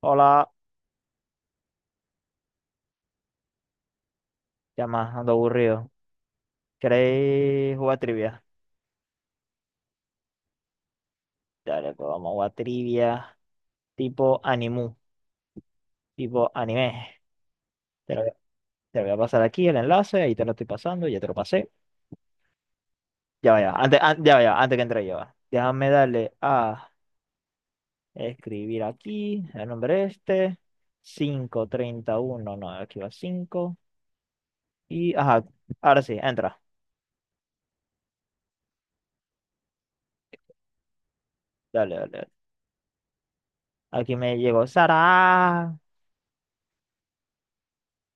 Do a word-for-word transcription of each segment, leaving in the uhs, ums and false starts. Hola, ya más, ando aburrido. ¿Queréis jugar trivia? Dale, pues vamos a jugar trivia tipo animu, tipo anime. Te lo, voy a te lo voy a pasar aquí el enlace, ahí te lo estoy pasando, ya te lo pasé. Ya vaya, antes, an- ya vaya, antes que entre yo. Va. Déjame darle a escribir aquí el nombre este. Cinco treinta y uno, no, aquí va cinco. Y, ajá, ahora sí, entra. Dale, dale, dale. Aquí me llegó Sara.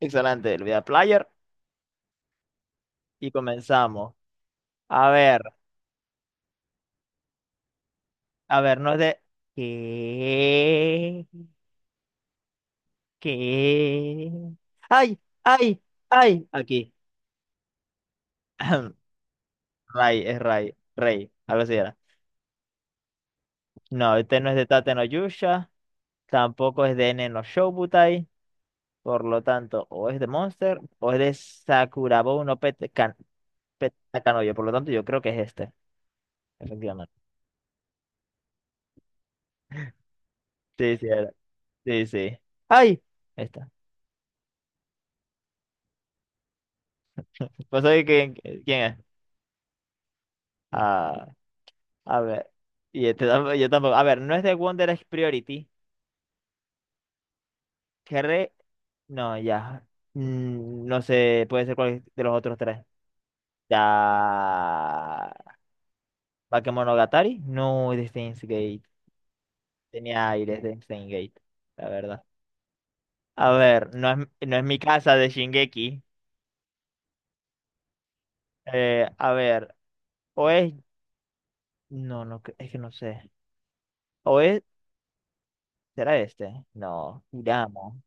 Excelente, le voy a dar player y comenzamos. A ver. A ver, no es de. ¿Qué? ¿Qué? ¡Ay! ¡Ay! ¡Ay! Aquí. Ray, es Ray. Rey, algo así era. No, este no es de Tate no Yusha. Tampoco es de Nen no Shoubutai. Por lo tanto, o es de Monster o es de Sakurabo no Pet. Kan- Pet Takanoyo. Por lo tanto, yo creo que es este. Efectivamente. Sí, sí, era. Sí, sí. ¡Ay! Esta. Pues oye, ¿quién, quién es? Ah. A ver. Y este tampoco- yo tampoco. A ver, no es de Wonder Egg Priority. Cherry. No, ya. Mm, no sé, puede ser cuál de los otros tres. Ya. Bakemonogatari. No, de Steins Gate. Tenía aires de Steins Gate, la verdad. A ver, no es, no es mi casa de Shingeki. Eh, a ver, o es. No, no, cre- es que no sé. O es. ¿Será este? No, Hiramo.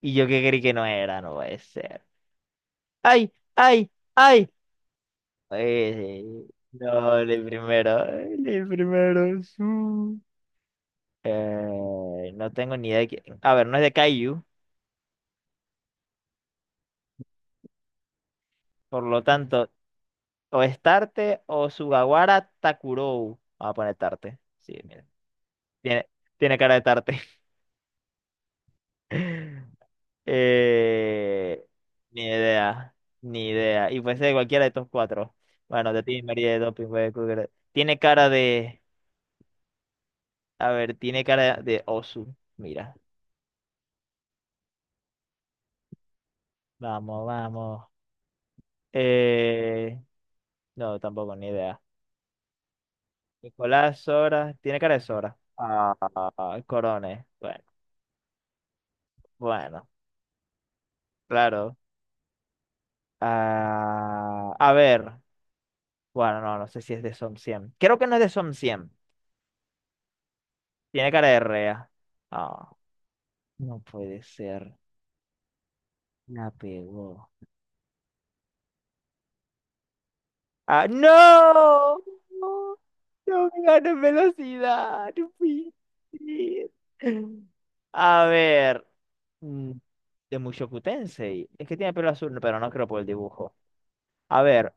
Y yo que creí que no era, no puede ser. ¡Ay! ¡Ay! ¡Ay! Eh, no, el primero, el primero. Sí. Eh, no tengo ni idea de quién. A ver, no es de Kaiju, por lo tanto, o es Tarte o Sugawara Takurou. Vamos a poner Tarte. Sí, mira. Tiene, tiene cara de Tarte. Eh, Ni idea, ni idea. Y puede ser cualquiera de estos cuatro. Bueno, de ti, María de Doping, puede cualquiera. Tiene cara de. A ver, tiene cara de Osu. Mira. Vamos, vamos. Eh, no, tampoco, ni idea. Nicolás Sora, tiene cara de Sora. Ah, Corones. Bueno, bueno, claro. Ah, a ver, bueno, no, no sé si es de Som cien. Creo que no es de Som cien. Tiene cara de Rea. Ah, no puede ser. La pegó. Ah, no. No, no me gano en velocidad. No puede ser. A ver. Mm. De Mushoku Tensei. Es que tiene pelo azul, no, pero no creo por el dibujo. A ver.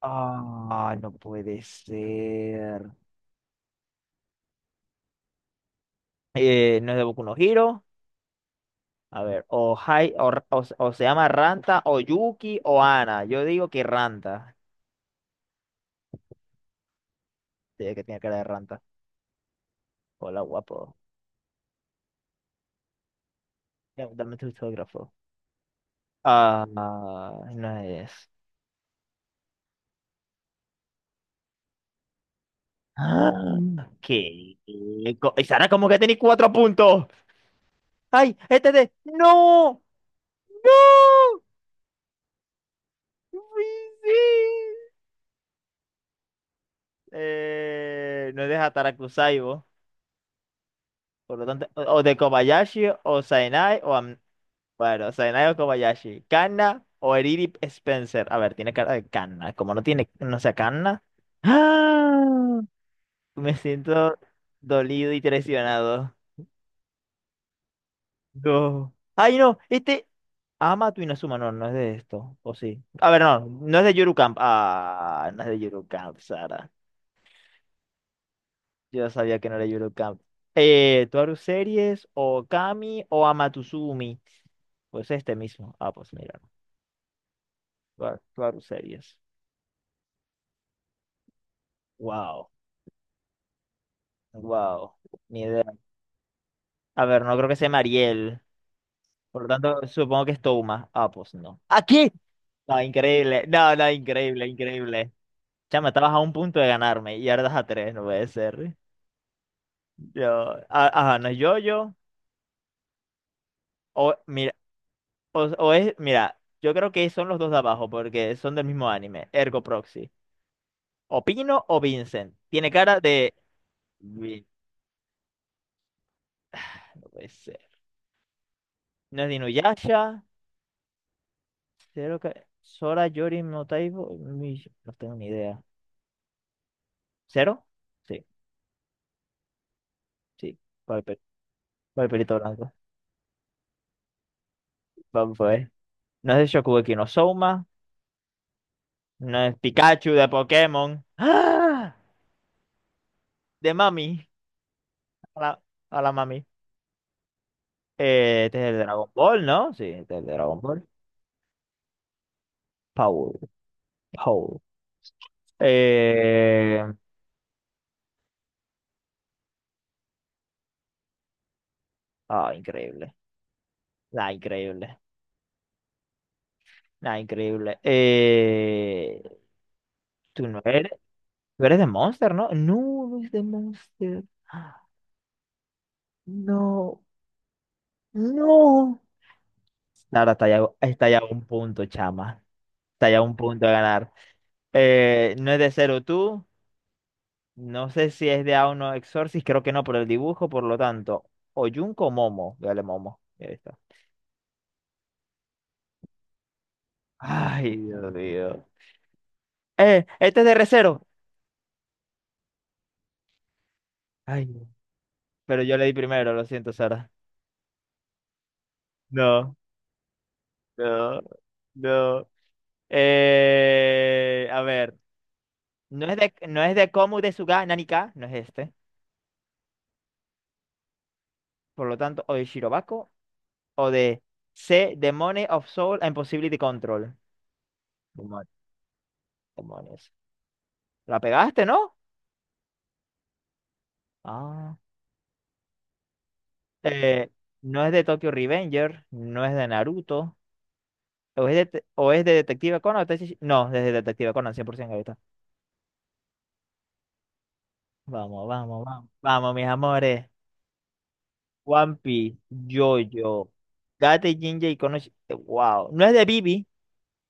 Ah, no puede ser. Eh, no es de Boku no Hero. A ver, o, Hai- o, o- o se llama Ranta, o Yuki, o Ana. Yo digo que Ranta. Sí, que tiene cara de Ranta. Hola, guapo. Ya, dame tu autógrafo. Ah, no es. Ah, ¿qué? Co- ¿Y Sara, como que tenéis cuatro puntos? ¡Ay! ¡Este de! ¡No! ¡No! ¡No! ¡Sí! Eh, no es de Hatarakuzai, vos. Por lo tanto, o, o de Kobayashi, o Sainai, o. Am- Bueno, Sainai o Kobayashi. Kanna o Eriri Spencer. A ver, tiene cara de Kanna. Como no tiene, no sea Kanna. ¡Ah! Me siento dolido y traicionado. No. Ay, no, este. Ama tu Inazuma, no, no es de esto. O sí. A ver, no, no es de Yuru Camp. Ah, no es de Yuru Camp, Sara. Yo sabía que no era Yurocamp. Eh, ¿Toaru Series o Kami o Amatuzumi? Pues este mismo. Ah, pues mira, Toa- Toaru Series. Wow, wow, ni idea. A ver, no creo que sea Mariel. Por lo tanto, supongo que es Touma. Ah, pues no. ¿Aquí? No, increíble. No, no, increíble, increíble. Chama, estabas a un punto de ganarme y ahora das a tres, no puede ser. Yo, ah, ajá, no es yo, yo. O, mira, O, o es, mira, yo creo que son los dos de abajo porque son del mismo anime, Ergo Proxy. O Pino o Vincent. Tiene cara de. Vi- No puede ser. No es de Inuyasha. Cero que. Sora, Yori, no Taibo. mi- No tengo ni idea. ¿Cero? Sí, sí. Viper. Viperito blanco. Vamos a ver. No es de Shokugeki no Souma. No es Pikachu de Pokémon. ¡Ah! De Mami. Hola, hola Mami. Eh, este es el Dragon Ball, ¿no? Sí, este es el Dragon Ball. Paul. Paul. Eh, ah, Increíble. Ah, increíble. Ah, increíble. Eh, tú no eres, tú eres de Monster, ¿no? No, no es de Monster. Ah, no, no. Ahora está ya, está ya a un punto, chama. Está ya a un punto de ganar. Eh, no es de Zero tú. No sé si es de Auno uno Exorcist, creo que no por el dibujo, por lo tanto. O Junko o Momo. Dale, Momo. Ahí está. Ay, Dios mío. Eh, este es de Re:Zero. Ay, no. Pero yo le di primero, lo siento, Sara. No, no, no. Eh, a ver. No es de, no es de Komu de Suga Nanika, no es este. Por lo tanto, o de Shirobako, o de C, Demone of Soul and Possibility Control. Demo- Demonios. La pegaste, ¿no? Ah. Eh, no es de Tokyo Revenger, no es de Naruto, o es de, o es de Detective Conan, o Tetsu- no, es de Detective Conan, cien por ciento ahorita. Vamos, vamos, vamos, vamos, mis amores. One Piece, JoJo, Gate Jinja y Konoshi. eh, Wow. No es de Bibi.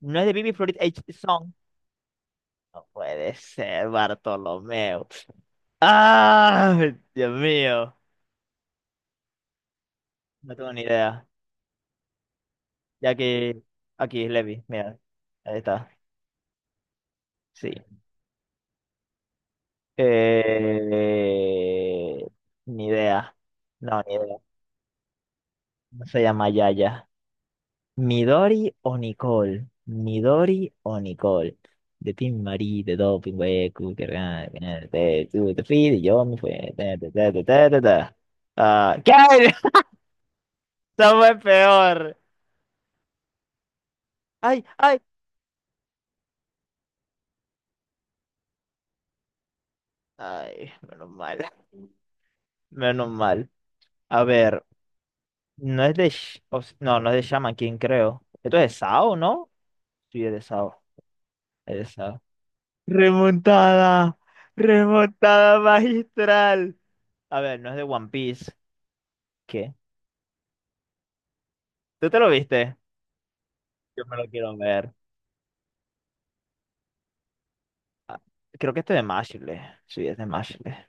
No es de Bibi Florid H. Song. No puede ser, Bartolomeo. ¡Ah! Dios mío. No tengo ni idea. Ya que aquí es Levi. Mira. Ahí está. Sí. Eh, Ni idea. No, ni idea. No se llama Yaya. Midori o Nicole. Midori o Nicole. De Team Marie, de Doping, Weku, que ra- que na- te tú, te fui, de, yo me fui. Ta, ta, ta, ta, ta, ta, ta. Ah, ¿qué? Esto fue peor. Ay, ay, ay, menos mal. Menos mal. A ver, no es de. Sh- o s- No, no es de Shaman King, creo. Esto es de Sao, ¿no? Sí, es de Sao. Es de Sao. Remontada. Remontada magistral. A ver, no es de One Piece. ¿Qué? ¿Tú te lo viste? Yo me lo quiero ver. Ah, creo que este de Mashle. Sí, es de Mashle.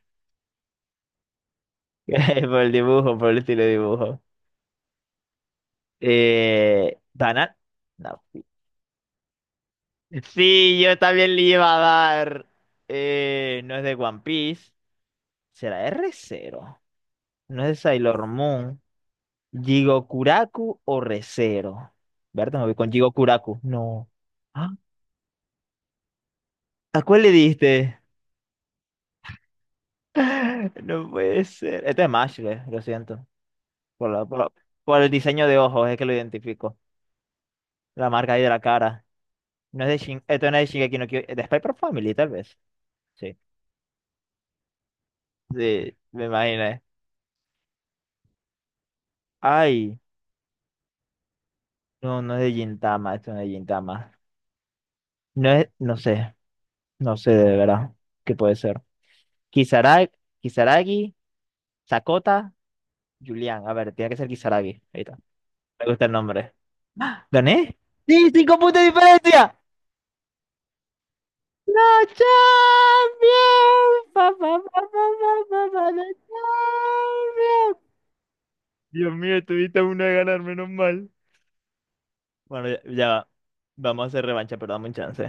Por el dibujo, por el estilo de dibujo. Eh, ¿Banat? No. Sí, yo también le iba a dar. Eh, no es de One Piece. ¿Será de Re:Zero? No es de Sailor Moon. ¿Jigokuraku o Re:Zero? Berta, me voy con Jigokuraku. No. ¿Ah? ¿A cuál le diste? No puede ser. Este es Mashle, lo siento. Por, la- por la- por el diseño de ojos es que lo identifico. La marca ahí de la cara. No es de Shin, Esto no es de Shingeki no Kyojin, de Spy x Family, tal vez. Sí, sí, me imaginé. Ay, no, no es de Gintama, esto no es de Gintama. No es, no sé, no sé de verdad qué puede ser. Kisaragi, Kisaragi, Sakota, Julián. A ver, tiene que ser Kisaragi. Ahí está. Me gusta el nombre. ¿Gané? ¡Sí! ¡Cinco puntos de diferencia! Champions, pa, pa, pa, pa, pa, pa, pa, la Champions. Dios mío, tuviste una de ganar, menos mal. Bueno, ya, ya va. Vamos a hacer revancha, pero dame un chance.